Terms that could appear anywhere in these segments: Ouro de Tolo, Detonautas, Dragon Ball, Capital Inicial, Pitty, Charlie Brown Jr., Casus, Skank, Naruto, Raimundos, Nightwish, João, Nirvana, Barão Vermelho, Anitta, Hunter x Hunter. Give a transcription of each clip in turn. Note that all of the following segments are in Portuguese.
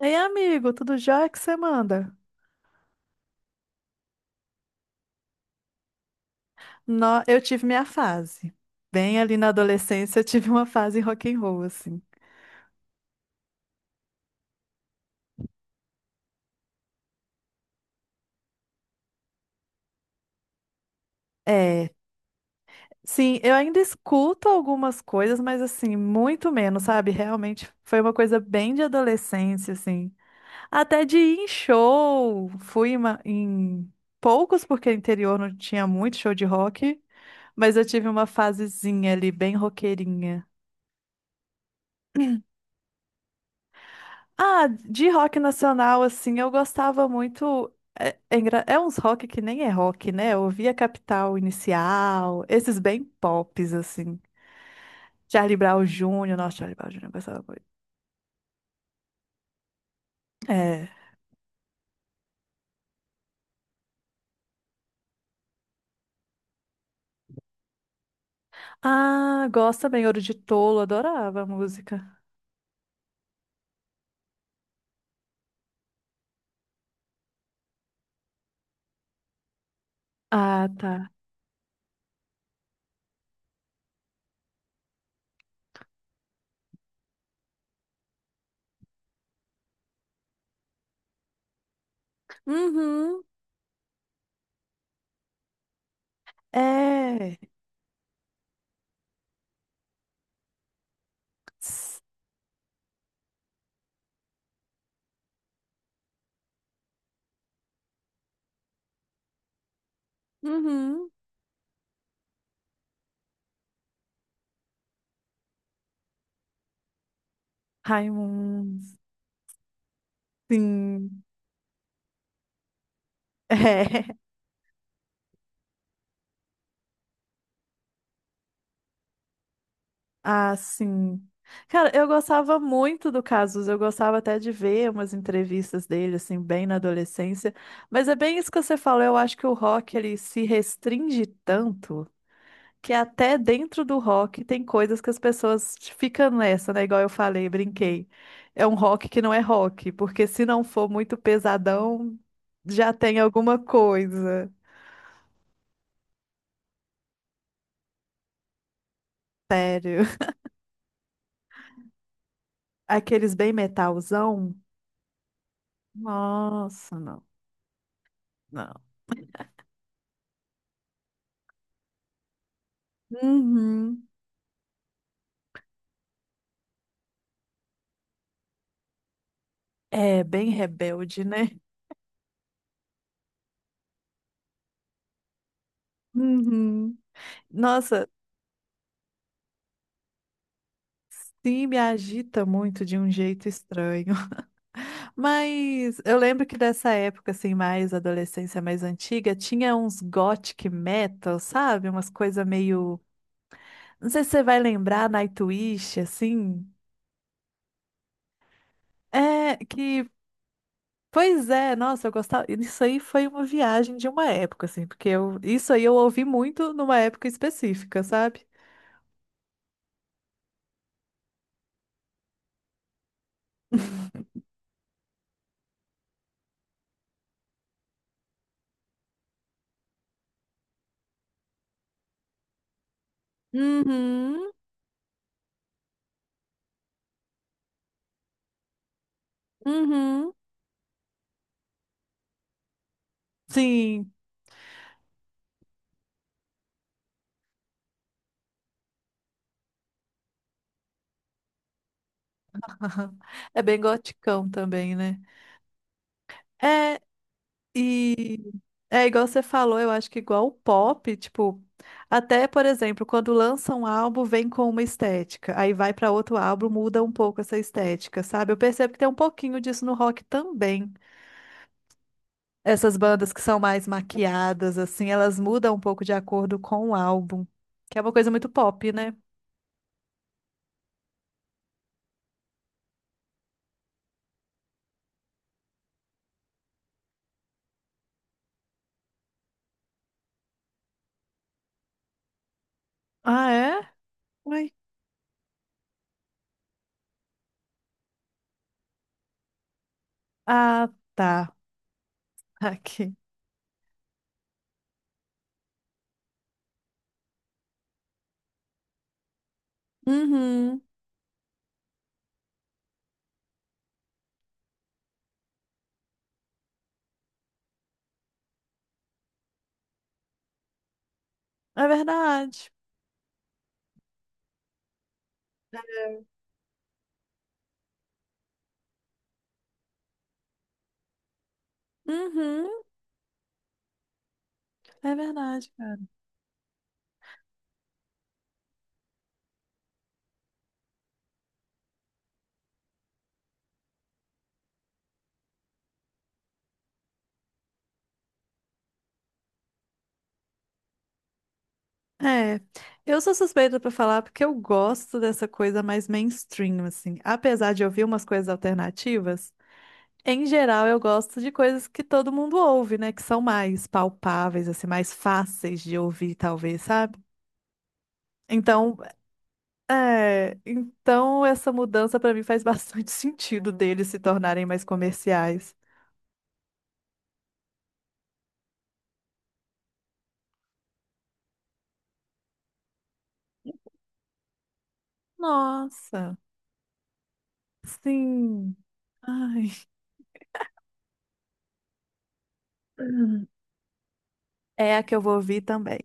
Ei, amigo, tudo jóia que você manda? Eu tive minha fase. Bem ali na adolescência, eu tive uma fase rock and roll, assim. É, sim, eu ainda escuto algumas coisas, mas assim, muito menos, sabe? Realmente foi uma coisa bem de adolescência, assim. Até de ir em show, fui em poucos, porque interior não tinha muito show de rock, mas eu tive uma fasezinha ali, bem roqueirinha. Ah, de rock nacional, assim, eu gostava muito. É uns rock que nem é rock, né? Eu ouvia Capital Inicial, esses bem pops, assim. Charlie Brown Jr., nossa, Charlie Brown Jr. eu gostava muito. É. Ah, gosto também, Ouro de Tolo, adorava a música. Ah, tá. Uhum, é. Tss, uhum. Raimundos, sim. É. Ah, sim. Cara, eu gostava muito do Casus, eu gostava até de ver umas entrevistas dele, assim, bem na adolescência. Mas é bem isso que você falou, eu acho que o rock, ele se restringe tanto que até dentro do rock tem coisas que as pessoas ficam nessa, né? Igual eu falei, brinquei. É um rock que não é rock, porque se não for muito pesadão, já tem alguma coisa. Sério. Aqueles bem metalzão? Nossa, não, não. Uhum. É bem rebelde, né? Uhum. Nossa, sim, me agita muito de um jeito estranho. Mas eu lembro que dessa época, assim, mais adolescência mais antiga, tinha uns gothic metal, sabe? Umas coisas meio. Não sei se você vai lembrar, Nightwish, assim. É, que. Pois é, nossa, eu gostava. Isso aí foi uma viagem de uma época, assim, porque isso aí eu ouvi muito numa época específica, sabe? Uhum. Uhum. Sim. É bem goticão também, né? É, e é igual você falou, eu acho que igual o pop, tipo, até, por exemplo, quando lança um álbum, vem com uma estética, aí vai pra outro álbum, muda um pouco essa estética, sabe? Eu percebo que tem um pouquinho disso no rock também. Essas bandas que são mais maquiadas, assim, elas mudam um pouco de acordo com o álbum, que é uma coisa muito pop, né? Ah, é? Ui. Ah, tá. Aqui. Uhum. É verdade. Uhum. É verdade, cara. É, eu sou suspeita pra falar porque eu gosto dessa coisa mais mainstream, assim. Apesar de ouvir umas coisas alternativas, em geral eu gosto de coisas que todo mundo ouve, né? Que são mais palpáveis, assim, mais fáceis de ouvir, talvez, sabe? Então, então essa mudança pra mim faz bastante sentido deles se tornarem mais comerciais. Nossa, sim. Ai. É a que eu vou ouvir também.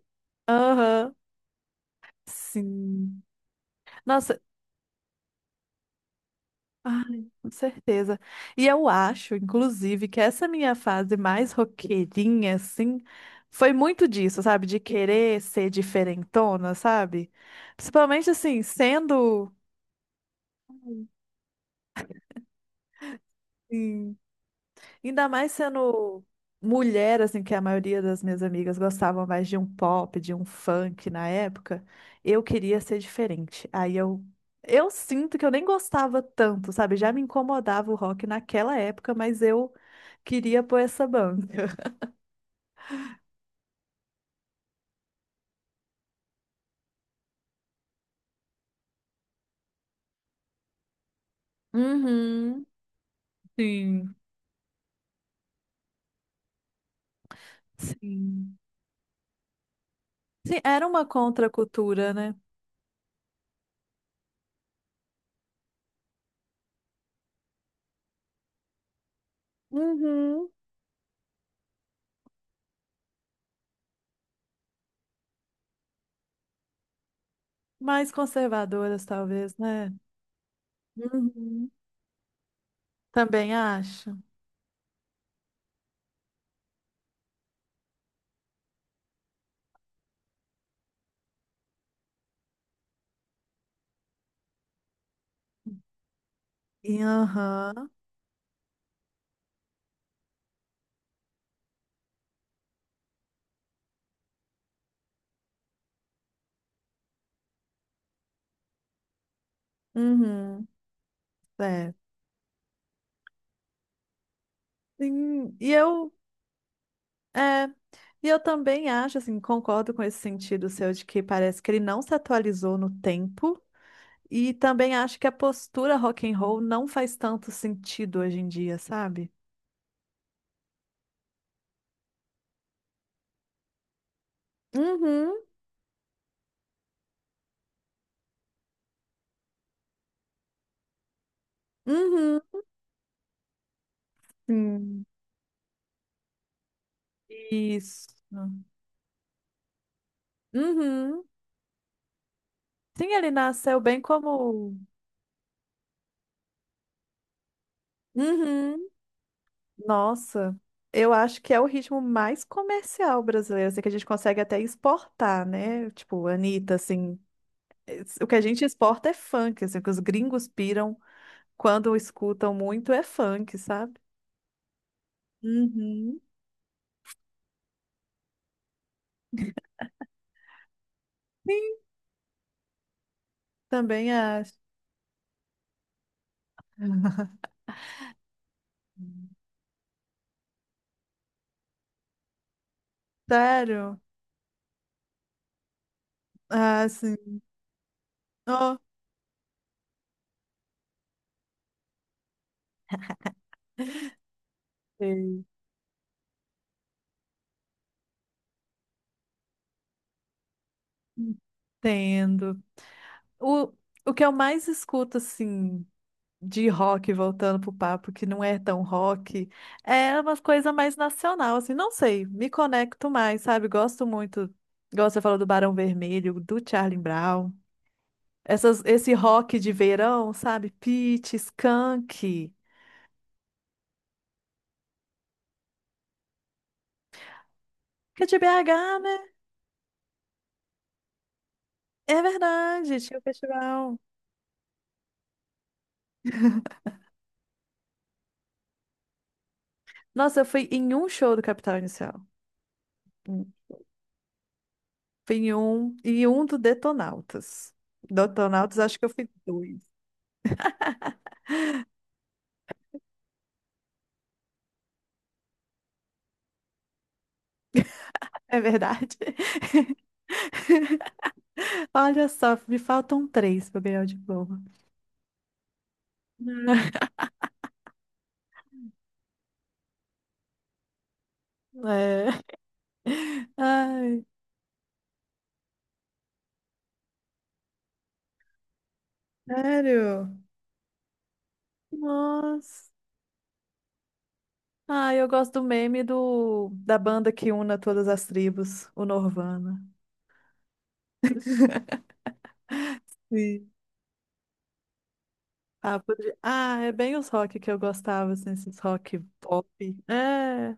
Aham. Sim. Nossa, ai, com certeza. E eu acho, inclusive, que essa minha fase mais roqueirinha, assim, foi muito disso, sabe? De querer ser diferentona, sabe? Principalmente, assim, sendo, assim, ainda mais sendo mulher, assim, que a maioria das minhas amigas gostavam mais de um pop, de um funk na época, eu queria ser diferente. Aí eu sinto que eu nem gostava tanto, sabe? Já me incomodava o rock naquela época, mas eu queria pôr essa banca. Uhum, sim, sim. Sim, era uma contracultura, né? Uhum. Mais conservadoras, talvez, né? Uhum. Também acho. E, aham. Uhum. É, sim, é, e eu também acho, assim, concordo com esse sentido seu de que parece que ele não se atualizou no tempo, e também acho que a postura rock and roll não faz tanto sentido hoje em dia, sabe? Uhum, uhum, sim. Isso. Uhum. Sim, ele nasceu bem como. Uhum. Nossa, eu acho que é o ritmo mais comercial brasileiro, assim, que a gente consegue até exportar, né? Tipo, Anitta, assim. O que a gente exporta é funk, assim, o que os gringos piram quando escutam muito é funk, sabe? Uhum. Sim, também acho. Sério? Ah, sim. Ó, sei. Entendo. O, o que eu mais escuto, assim, de rock, voltando pro papo, que não é tão rock, é uma coisa mais nacional, assim, não sei, me conecto mais, sabe? Gosto muito, igual você falou do Barão Vermelho, do Charlie Brown. Esse rock de verão, sabe? Pitty, Skank. Que é de BH, né? É verdade, tinha o festival. Nossa, eu fui em um show do Capital Inicial. Hum. Fui em um e um do Detonautas. Detonautas, acho que eu fui dois. É verdade. Olha só, me faltam três para ganhar o diploma. É. Ai, sério? Nossa. Ah, eu gosto do meme da banda que una todas as tribos, o Norvana. Sim. Ah, é bem os rock que eu gostava, assim, esses rock pop. É,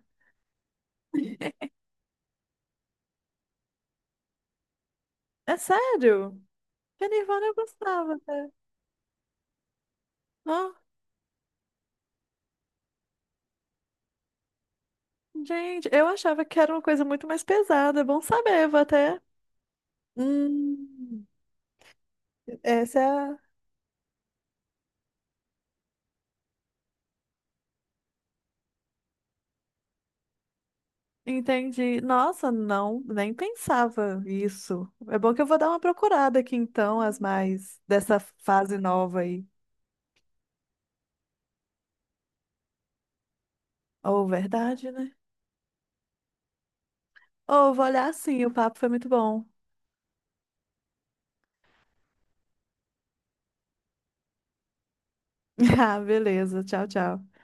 é sério. Que Nirvana eu gostava até. Ó, gente, eu achava que era uma coisa muito mais pesada. É bom saber, vou até. Hum, essa é a. Entendi. Nossa, não, nem pensava isso. É bom que eu vou dar uma procurada aqui então, as mais dessa fase nova aí. Ou verdade, né? Ou vou olhar sim, o papo foi muito bom. Ah, beleza. Tchau, tchau.